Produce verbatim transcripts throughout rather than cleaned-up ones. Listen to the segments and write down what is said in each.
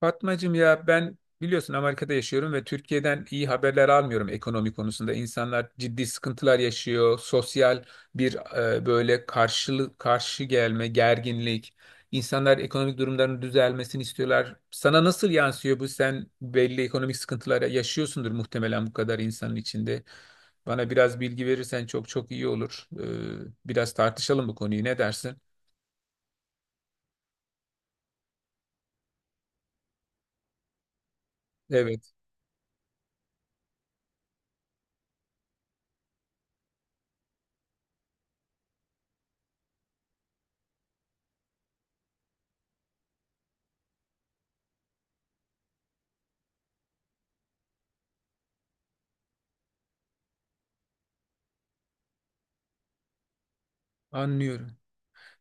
Fatmacığım ya ben biliyorsun Amerika'da yaşıyorum ve Türkiye'den iyi haberler almıyorum ekonomi konusunda. İnsanlar ciddi sıkıntılar yaşıyor. Sosyal bir e, böyle karşılık karşı gelme, gerginlik. İnsanlar ekonomik durumlarının düzelmesini istiyorlar. Sana nasıl yansıyor bu? Sen belli ekonomik sıkıntılara yaşıyorsundur muhtemelen bu kadar insanın içinde. Bana biraz bilgi verirsen çok çok iyi olur. Ee, biraz tartışalım bu konuyu. Ne dersin? Evet, anlıyorum.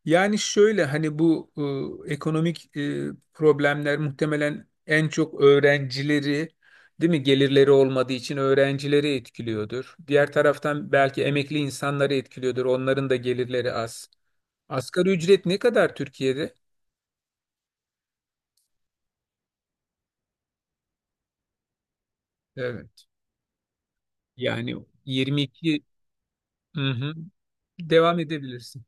Yani şöyle hani bu e, ekonomik e, problemler muhtemelen en çok öğrencileri, değil mi, gelirleri olmadığı için öğrencileri etkiliyordur. Diğer taraftan belki emekli insanları etkiliyordur. Onların da gelirleri az. Asgari ücret ne kadar Türkiye'de? Evet. Yani yirmi iki, hı hı. Devam edebilirsin.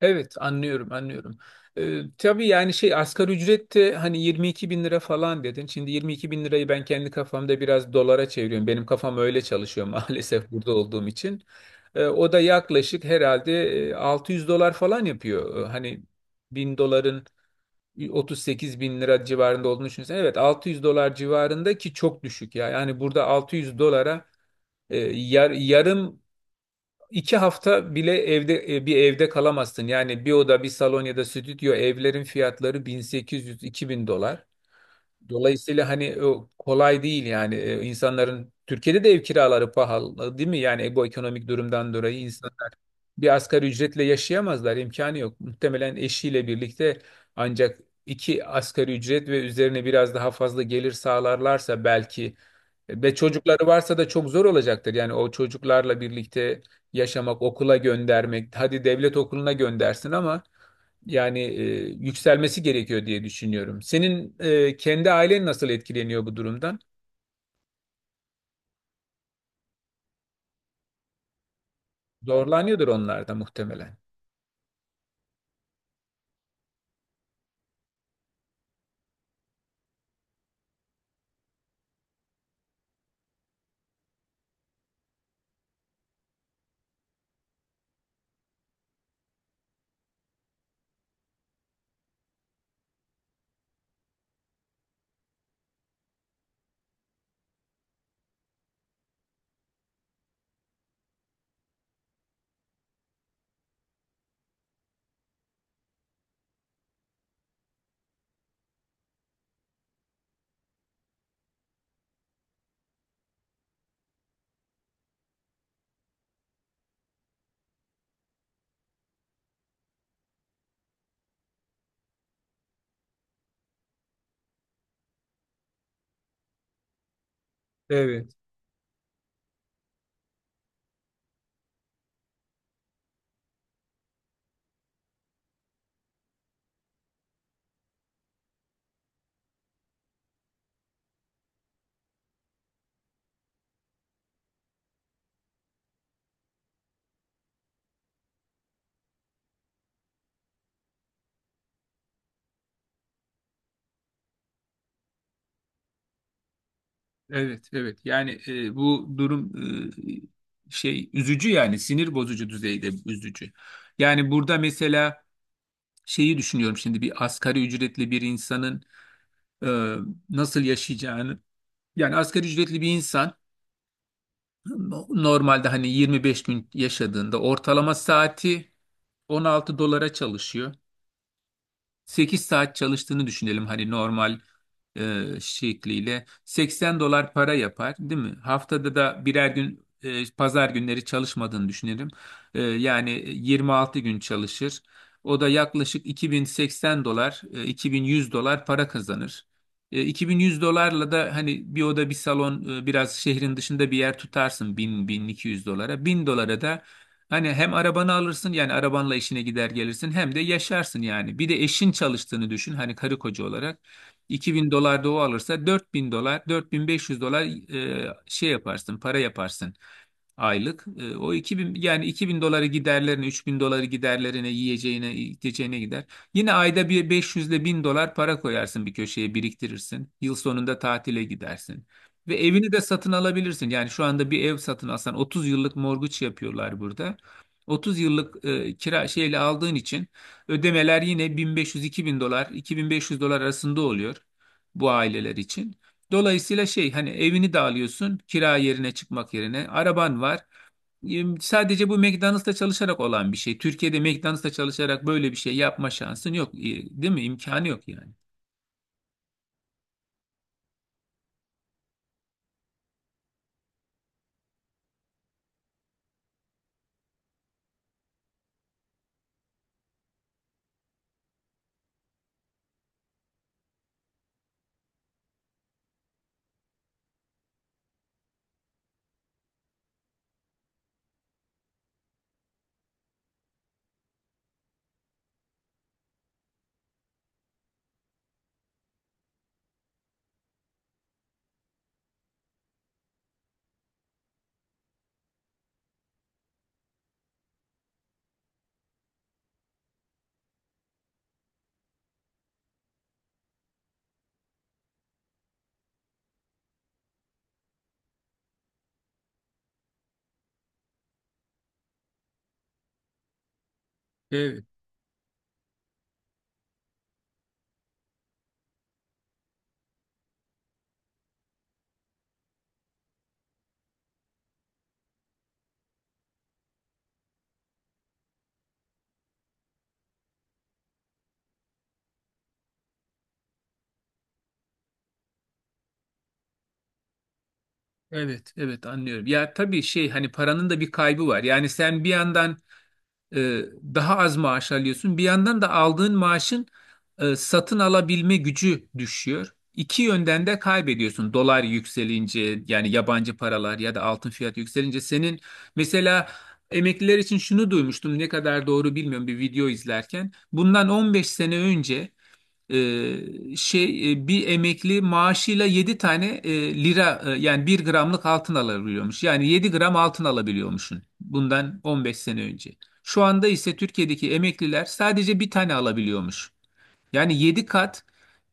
Evet, anlıyorum anlıyorum. Ee, tabii yani şey asgari ücret de hani yirmi iki bin lira falan dedin. Şimdi yirmi iki bin lirayı ben kendi kafamda biraz dolara çeviriyorum. Benim kafam öyle çalışıyor maalesef burada olduğum için. Ee, o da yaklaşık herhalde e, altı yüz dolar falan yapıyor. Ee, Hani bin doların otuz sekiz bin lira civarında olduğunu düşünsen. Evet, altı yüz dolar civarında ki çok düşük ya. Yani burada altı yüz dolara e, yar- yarım İki hafta bile evde e, bir evde kalamazsın. Yani bir oda, bir salon ya da stüdyo evlerin fiyatları bin sekiz yüz-iki bin dolar. Dolayısıyla hani o kolay değil yani. E, insanların Türkiye'de de ev kiraları pahalı değil mi? Yani bu ekonomik durumdan dolayı bir asgari ücretle yaşayamazlar. İmkanı yok. Muhtemelen eşiyle birlikte ancak iki asgari ücret ve üzerine biraz daha fazla gelir sağlarlarsa belki ve çocukları varsa da çok zor olacaktır. Yani o çocuklarla birlikte yaşamak, okula göndermek, hadi devlet okuluna göndersin ama yani e, yükselmesi gerekiyor diye düşünüyorum. Senin e, kendi ailen nasıl etkileniyor bu durumdan? Zorlanıyordur onlar da muhtemelen. Evet. Evet, evet. Yani e, bu durum e, şey üzücü, yani sinir bozucu düzeyde üzücü. Yani burada mesela şeyi düşünüyorum şimdi bir asgari ücretli bir insanın e, nasıl yaşayacağını. Yani asgari ücretli bir insan no- normalde hani yirmi beş gün yaşadığında ortalama saati on altı dolara çalışıyor. sekiz saat çalıştığını düşünelim hani normal e, şekliyle seksen dolar para yapar değil mi? Haftada da birer gün e, pazar günleri çalışmadığını düşünelim. E, yani yirmi altı gün çalışır. O da yaklaşık iki bin seksen dolar, e, iki bin yüz dolar para kazanır. E, iki bin yüz dolarla da hani bir oda bir salon e, biraz şehrin dışında bir yer tutarsın bin, bin iki yüz dolara. bin dolara da hani hem arabanı alırsın yani arabanla işine gider gelirsin hem de yaşarsın yani. Bir de eşin çalıştığını düşün hani karı koca olarak. iki bin dolar da o alırsa dört bin dolar, dört bin beş yüz dolar e, şey yaparsın para yaparsın aylık. E, o iki bin, yani iki bin doları giderlerine, üç bin doları giderlerine, yiyeceğine, içeceğine gider. Yine ayda bir beş yüz ile bin dolar para koyarsın bir köşeye biriktirirsin. Yıl sonunda tatile gidersin. Ve evini de satın alabilirsin. Yani şu anda bir ev satın alsan otuz yıllık morguç yapıyorlar burada. Otuz yıllık e, kira şeyle aldığın için ödemeler yine bin beş yüz iki bin dolar, iki bin beş yüz dolar arasında oluyor bu aileler için. Dolayısıyla şey hani evini de alıyorsun kira yerine çıkmak yerine araban var. Em, Sadece bu McDonald's'ta çalışarak olan bir şey. Türkiye'de McDonald's'ta çalışarak böyle bir şey yapma şansın yok, e, değil mi? İmkanı yok yani. Evet, evet, evet, anlıyorum. Ya tabii şey hani paranın da bir kaybı var. Yani sen bir yandan e, daha az maaş alıyorsun. Bir yandan da aldığın maaşın e, satın alabilme gücü düşüyor. İki yönden de kaybediyorsun. Dolar yükselince yani yabancı paralar ya da altın fiyatı yükselince senin mesela emekliler için şunu duymuştum ne kadar doğru bilmiyorum bir video izlerken. Bundan on beş sene önce e, şey e, bir emekli maaşıyla yedi tane e, lira e, yani bir gramlık altın alabiliyormuş. Yani yedi gram altın alabiliyormuşsun bundan on beş sene önce. Şu anda ise Türkiye'deki emekliler sadece bir tane alabiliyormuş. Yani yedi kat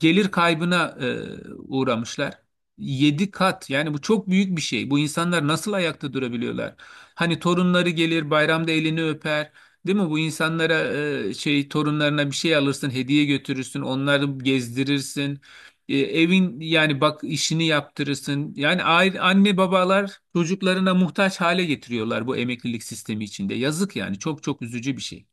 gelir kaybına e, uğramışlar. Yedi kat yani bu çok büyük bir şey. Bu insanlar nasıl ayakta durabiliyorlar? Hani torunları gelir bayramda elini öper. Değil mi? Bu insanlara e, şey torunlarına bir şey alırsın, hediye götürürsün, onları gezdirirsin. E, evin yani bak işini yaptırırsın. Yani aile, anne babalar çocuklarına muhtaç hale getiriyorlar bu emeklilik sistemi içinde. Yazık yani çok çok üzücü bir şey.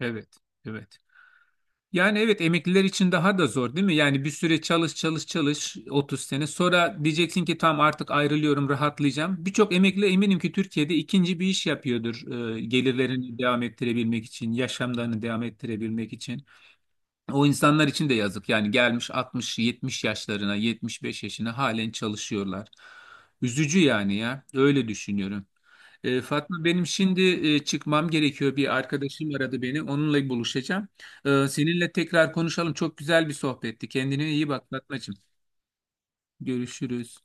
Evet, evet. Yani evet, emekliler için daha da zor değil mi? Yani bir süre çalış çalış çalış otuz sene sonra diyeceksin ki tamam artık ayrılıyorum rahatlayacağım. Birçok emekli eminim ki Türkiye'de ikinci bir iş yapıyordur e, gelirlerini devam ettirebilmek için, yaşamlarını devam ettirebilmek için. O insanlar için de yazık yani gelmiş altmış yetmiş yaşlarına yetmiş beş yaşına halen çalışıyorlar. Üzücü yani ya öyle düşünüyorum. E, Fatma benim şimdi e, çıkmam gerekiyor. Bir arkadaşım aradı beni. Onunla buluşacağım. E, seninle tekrar konuşalım. Çok güzel bir sohbetti. Kendine iyi bak Fatmacığım. Görüşürüz.